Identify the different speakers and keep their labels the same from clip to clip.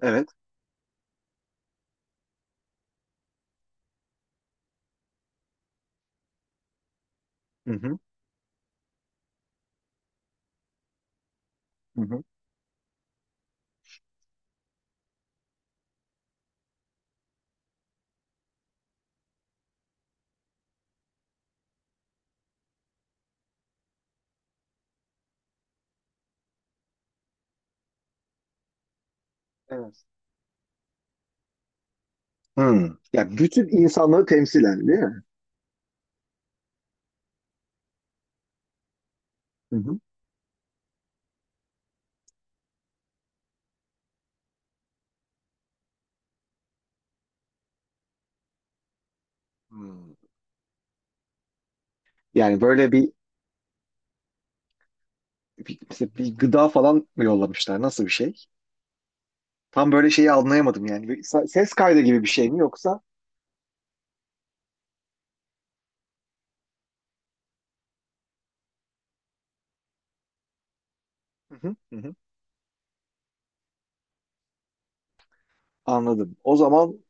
Speaker 1: Evet. Hı hı. Hı hı. Evet. Hı. Ya bütün insanlığı temsilen değil mi? Hı hı. Hmm. Yani böyle bir, mesela bir gıda falan mı yollamışlar? Nasıl bir şey? Tam böyle şeyi anlayamadım yani. Bir ses kaydı gibi bir şey mi yoksa? Hı hı. Hı hı. Anladım. O zaman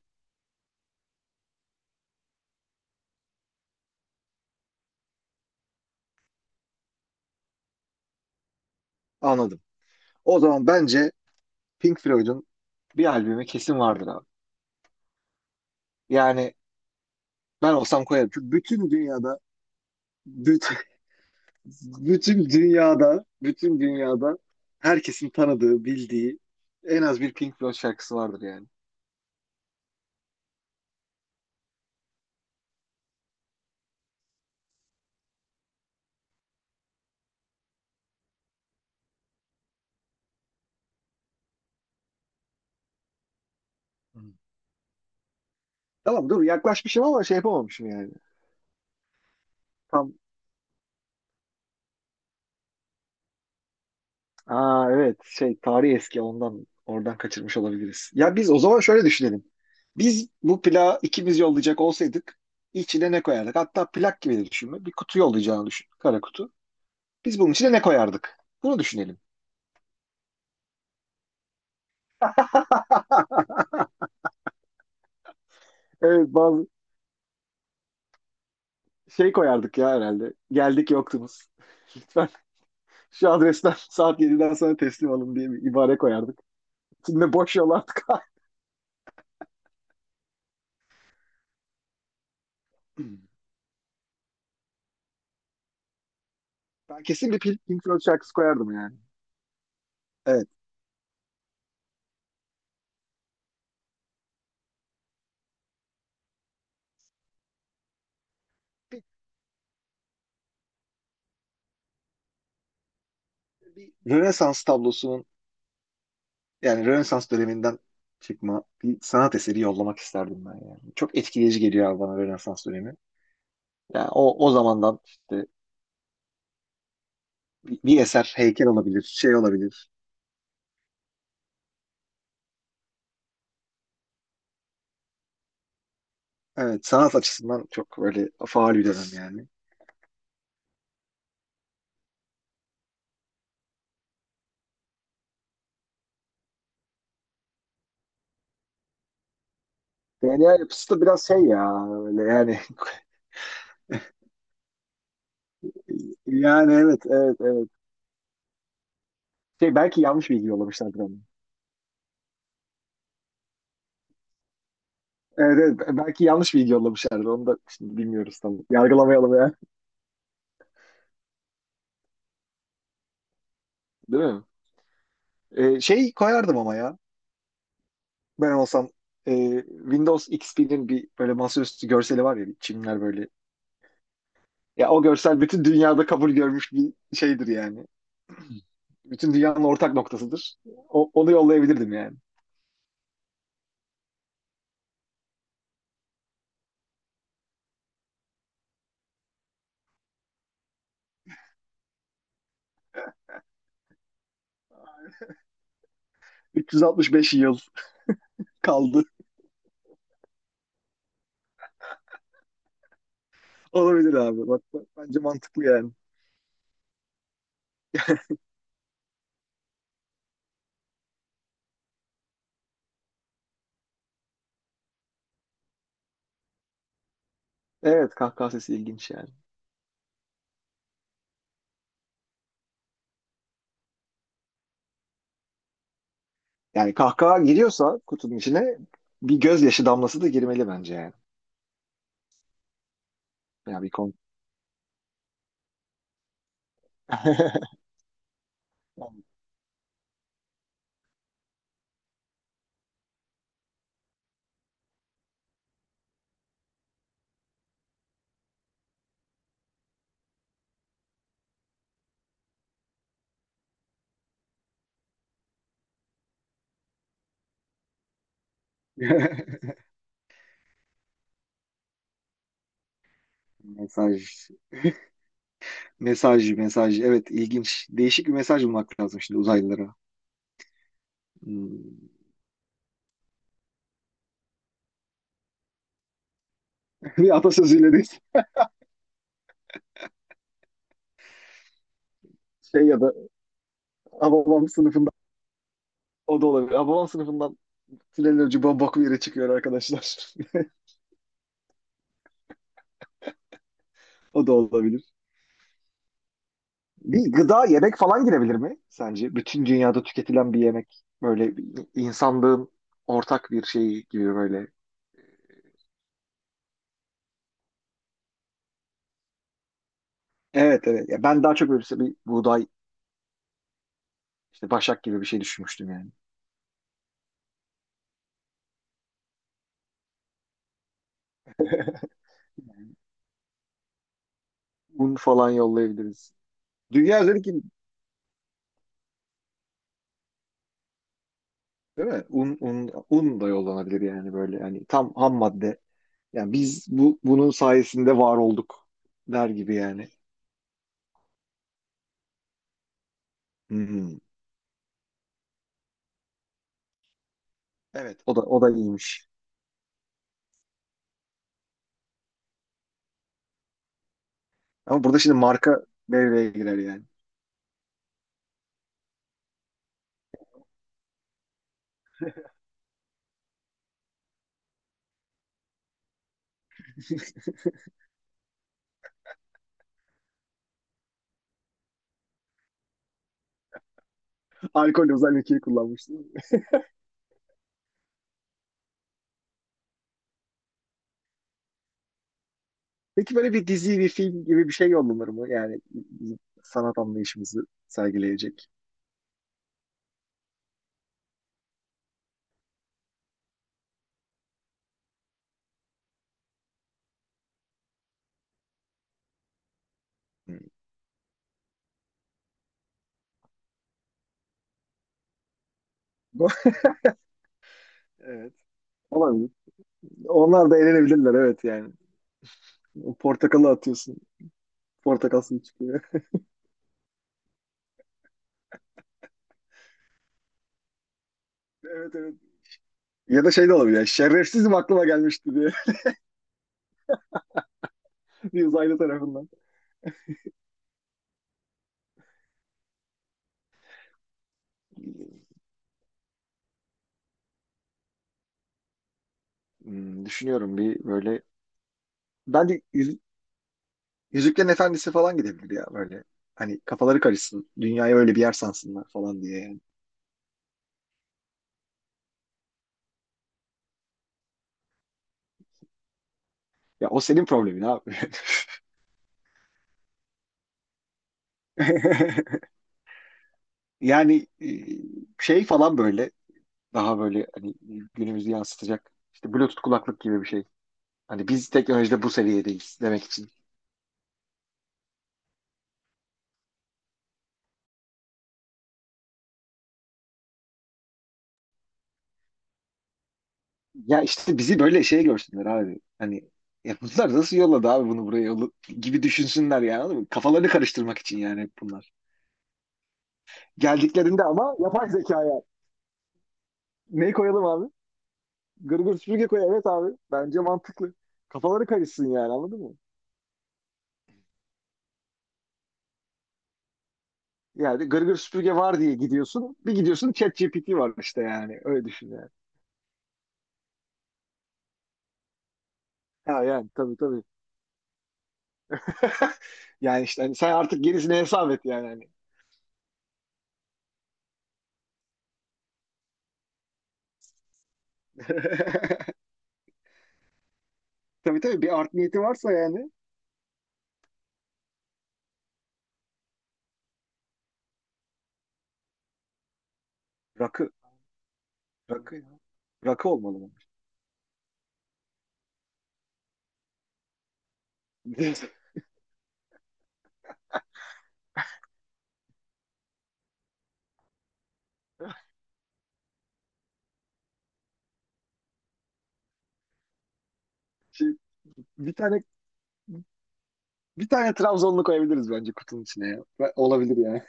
Speaker 1: anladım. O zaman bence Pink Floyd'un bir albümü kesin vardır abi. Yani ben olsam koyarım. Çünkü bütün dünyada bütün Bütün dünyada, bütün dünyada herkesin tanıdığı, bildiği en az bir Pink Floyd şarkısı vardır yani. Hı. Tamam dur yaklaşmışım ama şey yapamamışım yani. Tam aa evet şey tarih eski ondan oradan kaçırmış olabiliriz. Ya biz o zaman şöyle düşünelim. Biz bu plağı ikimiz yollayacak olsaydık içine ne koyardık? Hatta plak gibi de düşünme. Bir kutu yollayacağını düşün. Kara kutu. Biz bunun içine ne koyardık? Bunu düşünelim. Evet, bazı şey koyardık ya herhalde. Geldik yoktunuz. Lütfen şu adresten saat 7'den sonra teslim alın diye bir ibare koyardık. Şimdi boş yol artık. Ben kesin bir Pink Floyd şarkısı koyardım yani. Evet. Bir, bir Rönesans tablosunun, yani Rönesans döneminden çıkma bir sanat eseri yollamak isterdim ben yani. Çok etkileyici geliyor abi bana Rönesans dönemi. Yani o zamandan işte bir eser, heykel olabilir, şey olabilir. Evet, sanat açısından çok böyle faal bir dönem yani. DNA yapısı da biraz şey ya öyle yani. Yani evet, evet, evet. Şey, belki yanlış bilgi yollamışlardır ama. Evet, evet, belki yanlış bilgi yollamışlardır. Onu da şimdi bilmiyoruz tam. Yargılamayalım ya. Değil mi? Şey koyardım ama ya. Ben olsam Windows XP'nin bir böyle masaüstü görseli var ya. Çimler böyle. Ya o görsel bütün dünyada kabul görmüş bir şeydir yani. Bütün dünyanın ortak noktasıdır. Onu yollayabilirdim yani. 365 yıl kaldı. Olabilir abi. Bak, bak, bence mantıklı yani. Evet, kahkaha sesi ilginç yani. Yani kahkaha giriyorsa kutunun içine bir gözyaşı damlası da girmeli bence yani. Ya, bir konu. Mesaj, mesaj, mesaj. Evet, ilginç. Değişik bir mesaj bulmak lazım şimdi uzaylılara. Hmm. Bir atasözüyle değil. Şey ya da Hababam sınıfından, o da olabilir. Hababam sınıfından. Tünelin ucu bok yere çıkıyor arkadaşlar. O da olabilir. Bir gıda, yemek falan girebilir mi sence? Bütün dünyada tüketilen bir yemek. Böyle insanlığın ortak bir şeyi gibi böyle. Evet, evet. Ya ben daha çok böyle işte bir buğday, işte başak gibi bir şey düşünmüştüm yani. Un falan yollayabiliriz. Dünya üzerindeki, değil mi? Un, un, un da yollanabilir yani böyle. Yani tam ham madde. Yani biz bunun sayesinde var olduk der gibi yani. Hmm. Evet, o da iyiymiş. Ama burada şimdi marka devreye girer yani. Alkol özel ülkeyi kullanmıştım. Peki böyle bir dizi, bir film gibi bir şey yollanır mı? Yani bizim sanat anlayışımızı sergileyecek. Hmm. Evet. Olabilir. Onlar da eğlenebilirler, evet yani. O Portakalı atıyorsun. Portakal suyu çıkıyor. Evet, evet. Ya da şey de olabilir. Yani, şerefsizim aklıma gelmişti diye. Bir uzaylı tarafından. Hmm, düşünüyorum bir böyle. Bence Yüzüklerin Efendisi falan gidebilir ya böyle. Hani kafaları karışsın. Dünyayı öyle bir yer sansınlar falan diye yani. Ya o senin problemin abi. Yani şey falan böyle, daha böyle hani günümüzü yansıtacak işte Bluetooth kulaklık gibi bir şey. Hani biz teknolojide bu seviyedeyiz demek için. Ya işte bizi böyle şey görsünler abi. Hani, ya bunlar nasıl yolladı abi bunu buraya gibi düşünsünler yani. Anladın mı? Kafalarını karıştırmak için yani hep bunlar. Geldiklerinde ama yapay zekaya. Ne koyalım abi? Gırgır süpürge koy. Evet abi. Bence mantıklı. Kafaları karışsın yani, anladın mı? Yani gırgır süpürge var diye gidiyorsun. Bir gidiyorsun ChatGPT var işte yani. Öyle düşün yani. Ha, yani tabii, tabii. Yani işte hani sen artık gerisini hesap et yani. Hani. Tabii, tabii, bir art niyeti varsa yani. Rakı. Rakı. Rakı olmalı mı? Şey, bir tane bir tane Trabzonlu koyabiliriz bence kutunun içine ya. Olabilir yani.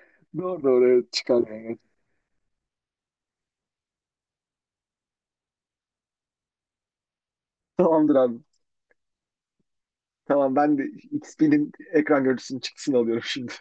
Speaker 1: Doğru doğru, evet, çıkar yani. Tamamdır abi. Tamam ben de XP'nin ekran görüntüsünün çıktısını alıyorum şimdi.